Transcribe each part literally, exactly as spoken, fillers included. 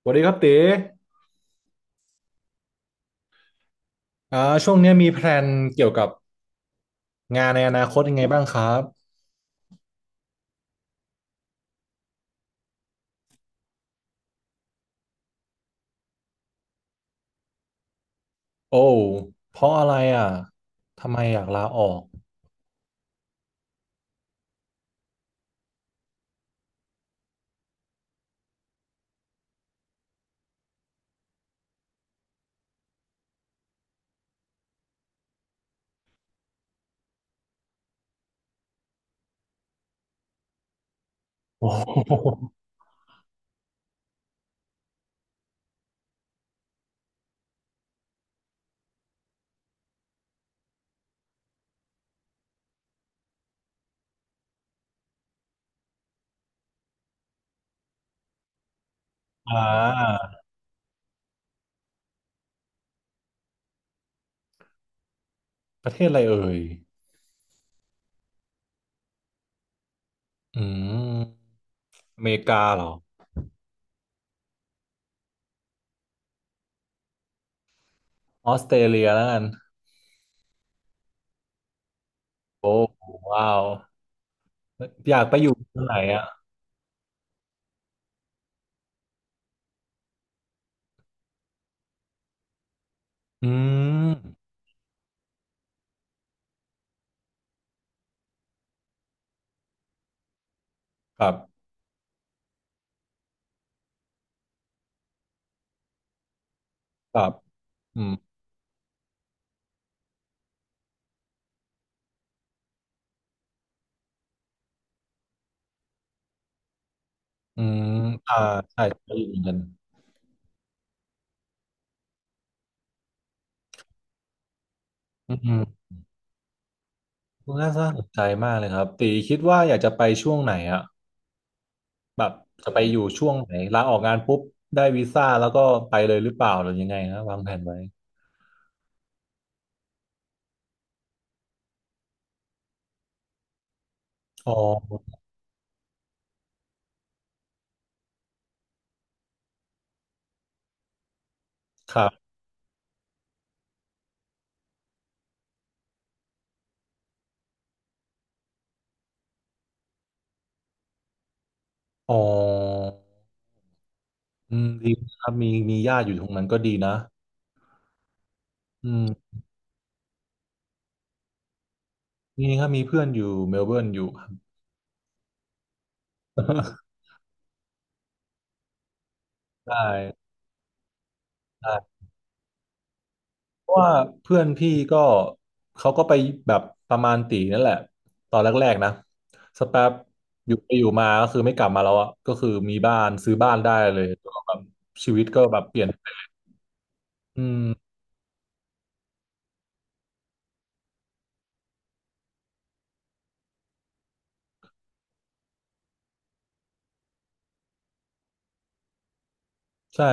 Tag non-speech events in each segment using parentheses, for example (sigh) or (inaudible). สวัสดีครับเต๋อ่าช่วงเนี้ยมีแพลนเกี่ยวกับงานในอนาคตยังไงบ้างครับโอ้เพราะอะไรอ่ะทำไมอยากลาออกโอ้โหอ่าประเทศอะไรเอ่ยอืมอเมริกาเหรอออสเตรเลียแล้วกันโอ้ว้าวอยากไปอยู่ตรงไหนอ่ะอืมครับครับอืมอืมอ่าใช่ไปอยู่เหมือนกันอืมน่าสนใจมากเลยครับตีคิดว่าอยากจะไปช่วงไหนอ่ะ แบบจะไปอยู่ช่วงไหนลาออกงานปุ๊บได้วีซ่าแล้วก็ไปเลยหรือเปล่าหรือยังไงนะวางแผนไว้ อ๋อครับอ๋ออืมดีครับมีมีญาติอยู่ตรงนั้นก็ดีนะ อืมนี่ครับมีเพื่อนอยู่เมลเบิร์นอยู่ครับ (laughs) ได้ได้เพราะว่าเพื่อนพี่ก็เขาก็ไปแบบประมาณตีนั่นแหละตอนแรกๆนะสักแป๊บอยู่ไปอยู่มาก็คือไม่กลับมาแล้วอ่ะก็คือมีบ้านซื้อบ้านได้เลยแล้วก็แบบชีวิตก็แบบเปลี่ยนอืมใช่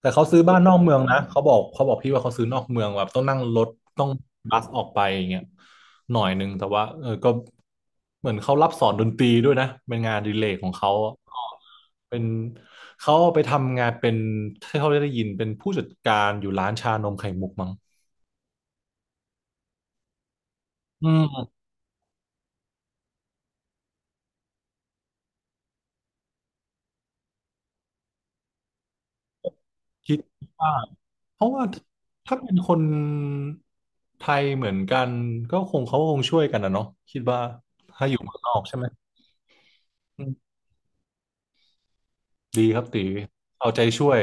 แต่เขาซื้อบ้านนอกเมืองนะเขาบอกเขาบอกพี่ว่าเขาซื้อนอกเมืองแบบต้องนั่งรถต้องบัสออกไปอย่างเงี้ยหน่อยนึงแต่ว่าเออก็เหมือนเขารับสอนดนตรีด้วยนะเป็นงานอดิเลกของเขาก็เป็นเขาไปทำงานเป็นที่เขาได้ยินเป็นผู้จัดการอยู่ร้านชานมไข่มุกมั้งอืมคิดว่าเพราะว่าถ้าเป็นคนไทยเหมือนกันก็คงเขาคงช่วยกันนะเนาะคิดว่าถ้าอยู่เมืองนอกใช่ไหม ดีครับตีเอาใจช่วย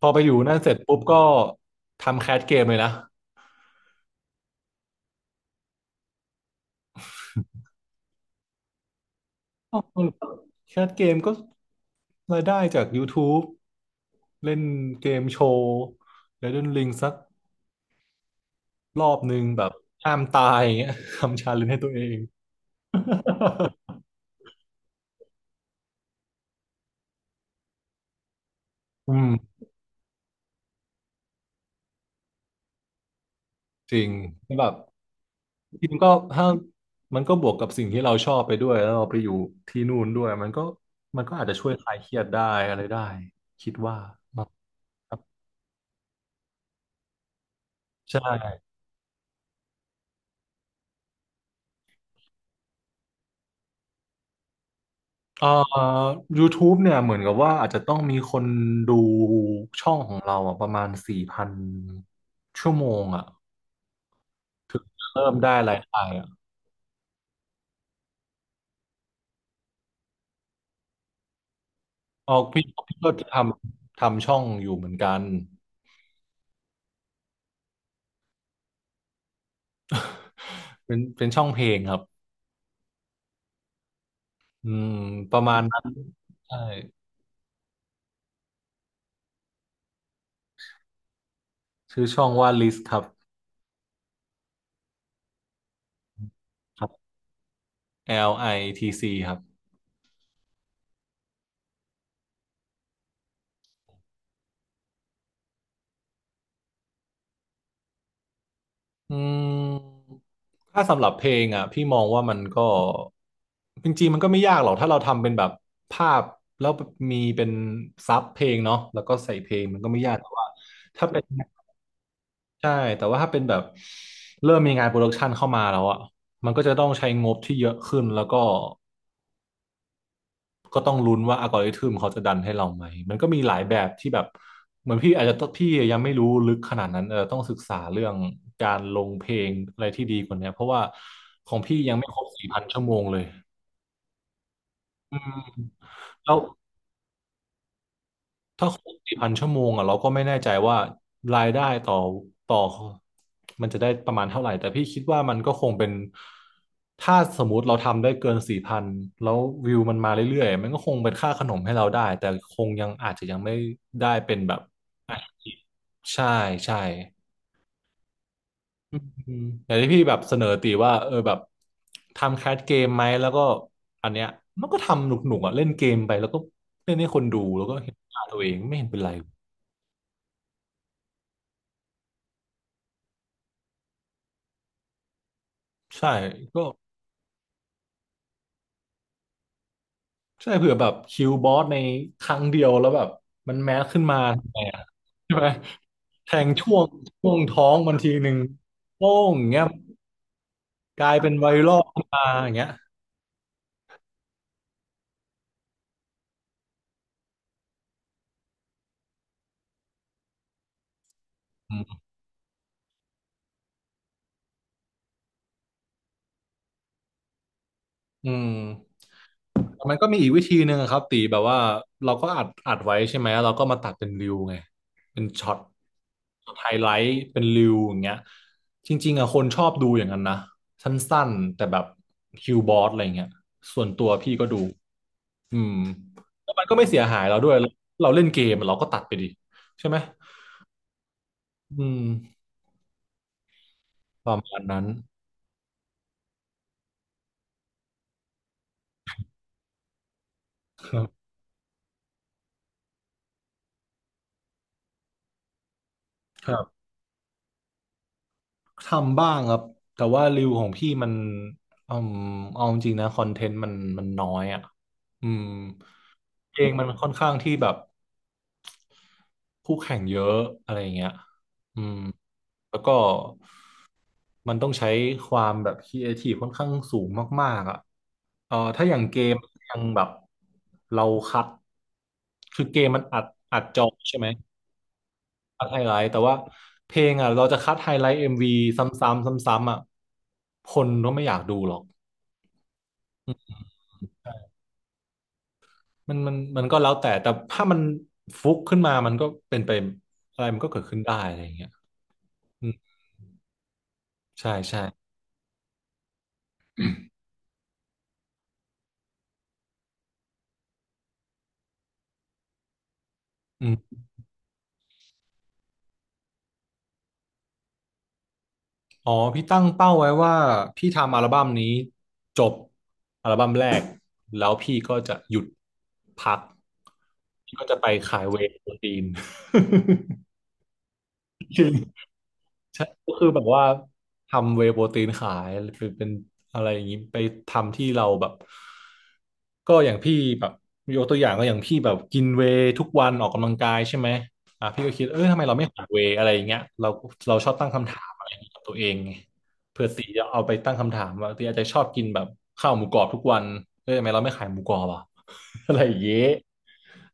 พอไปอยู่นั่นเสร็จปุ๊บก็ทำแคสเกมเลยนะออแคสเกมก็รายได้จาก YouTube เล่นเกมโชว์แล้วเล่นลิงสักรอบหนึ่งแบบห้ามตาย (laughs) อย่างเงี้ยทำชาเลนจ์ให้ตัวเอง (laughs) อืมจริงแบบจริงก็ถ้ามันก็บวกกับสิ่งที่เราชอบไปด้วยแล้วเราไปอยู่ที่นู่นด้วยมันก็มันก็อาจจะช่วยคลายเครียดได้อะไรได้คิดว่าเนาะครับใช่ เอ่อ ยูทูบ เนี่ยเหมือนกับว่าอาจจะต้องมีคนดูช่องของเราอ่ะประมาณสี่พันชั่วโมงอ่ะเริ่มได้รายได้อ่ะออกพี่พี่ก็ทำทำช่องอยู่เหมือนกันเป็นเป็นช่องเพลงครับอืมประมาณนั้นใช่ชื่อช่องว่า ลิสต์ ครับครับ แอล ไอ ที ซี ครับ อืมถ้าสำหรับเพลงอ่ะพี่มองว่ามันก็จริงๆมันก็ไม่ยากหรอกถ้าเราทำเป็นแบบภาพแล้วมีเป็นซับเพลงเนาะแล้วก็ใส่เพลงมันก็ไม่ยากแต่ว่าถ้าเป็นใช่แต่ว่าถ้าเป็นแบบเริ่มมีงานโปรดักชันเข้ามาแล้วอ่ะมันก็จะต้องใช้งบที่เยอะขึ้นแล้วก็ ก็ต้องลุ้นว่าอัลกอริทึมเขาจะดันให้เราไหม มันก็มีหลายแบบที่แบบเหมือนพี่อาจจะต้องพี่ยังไม่รู้ลึกขนาดนั้นเออต้องศึกษาเรื่องการลงเพลงอะไรที่ดีกว่าเนี้ยเพราะว่าของพี่ยังไม่ครบสี่พันชั่วโมงเลยอืมแล้ว ถ้าคนสี่พันชั่วโมงอ่ะเราก็ไม่แน่ใจว่ารายได้ต่อต่อมันจะได้ประมาณเท่าไหร่แต่พี่คิดว่ามันก็คงเป็นถ้าสมมุติเราทำได้เกินสี่พันแล้ววิวมันมาเรื่อยๆมันก็คงเป็นค่าขนมให้เราได้แต่คงยังอาจจะยังไม่ได้เป็นแบบอ่ะใช่ใช่อืมอย่างที่พี่แบบเสนอตีว่าเออแบบทำแคสเกมไหมแล้วก็อันเนี้ยมันก็ทำหนุกๆอ่ะเล่นเกมไปแล้วก็เล่นให้คนดูแล้วก็เห็นหน้าตัวเองไม่เห็นเป็นไรใช่ก็ ใช่เผื่อแบบคิวบอสในครั้งเดียวแล้วแบบมันแมสขึ้นมาทำไงอะใช่ไหมแทงช่วงช่วงท้องบางทีหนึ่งโป้งอย่างเงี้ยกลายเป็นไวรัลขึ้นมาอย่างเงี้ยอื อืมมันก็มีอีกวิธีหนึ่งอะครับตีแบบว่าเราก็อัดอัดไว้ใช่ไหมเราก็มาตัดเป็นริวไงเป็นช็อตช็อตไฮไลท์เป็นริวอย่างเงี้ยจริงๆอะคนชอบดูอย่างนั้นนะสั้นๆแต่แบบคิวบอสอะไรเงี้ยส่วนตัวพี่ก็ดูอืมแล้วมันก็ไม่เสียหายเราด้วยเราเล่นเกมเราก็ตัดไปดิใช่ไหมอืมประมาณนั้นครับ ทำบ้างครับแต่ว่ารวิวของพี่มันอืมเอาจริงๆนะคอนเทนต์มันมันน้อยอ่ะอืมเองมันค่อนข้างที่แบบคู่แข่งเยอะอะไรอย่างเงี้ยอืมแล้วก็มันต้องใช้ความแบบครีเอทีฟค่อนข้างสูงมากๆอ่ะเออถ้าอย่างเกมยังแบบเราคัดคือเกมมันอัดอัดจอใช่ไหม คัดไฮไลท์แต่ว่าเพลงอ่ะเราจะคัดไฮไลท์เอ็มวีซ้ำๆซ้ำๆอ่ะคนก็ไม่อยากดูหรอกมันมันมันก็แล้วแต่แต่ถ้ามันฟุกขึ้นมามันก็เป็นไปอะไรมันก็เกิดขึ้นได้อะไรอย่างเงี้ยอืมใช่ใช่อืมอ๋อพี่ตั้งเป้าไว้ว่าพี่ทำอัลบั้มนี้จบอัลบั้มแรกแล้วพี่ก็จะหยุดพักพี่ก็จะไปขายเวย์โปรตีน (laughs) จริง ใช่ก็คือแบบว่าทำเวย์โปรตีนขายเป็นเป็นอะไรอย่างนี้ไปทำที่เราแบบก็อย่างพี่แบบยกตัวอย่างก็อย่างพี่แบบกินเวย์ทุกวันออกกำลังกายใช่ไหมอ่ะพี่ก็คิดเออทำไมเราไม่ขายเวย์อะไรอย่างเงี้ยเราเราชอบตั้งคำถามอะไรอย่างเงี้ยกับตัวเองไงเพื่อตีจะเอาไปตั้งคำถามว่าตีอาจจะชอบกินแบบข้าวหมูกรอบทุกวันเออทำไมเราไม่ขายหมูกรอบอ่ะ (laughs) อะไรอย่างเงี้ย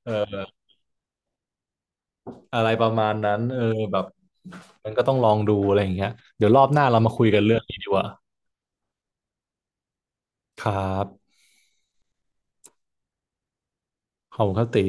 เออ อะไรประมาณนั้นเออแบบมันก็ต้องลองดูอะไรอย่างเงี้ยเดี๋ยวรอบหน้าเรามาคุยกันเรื่องนี้ดีกว่าครับขอบคุณครับตี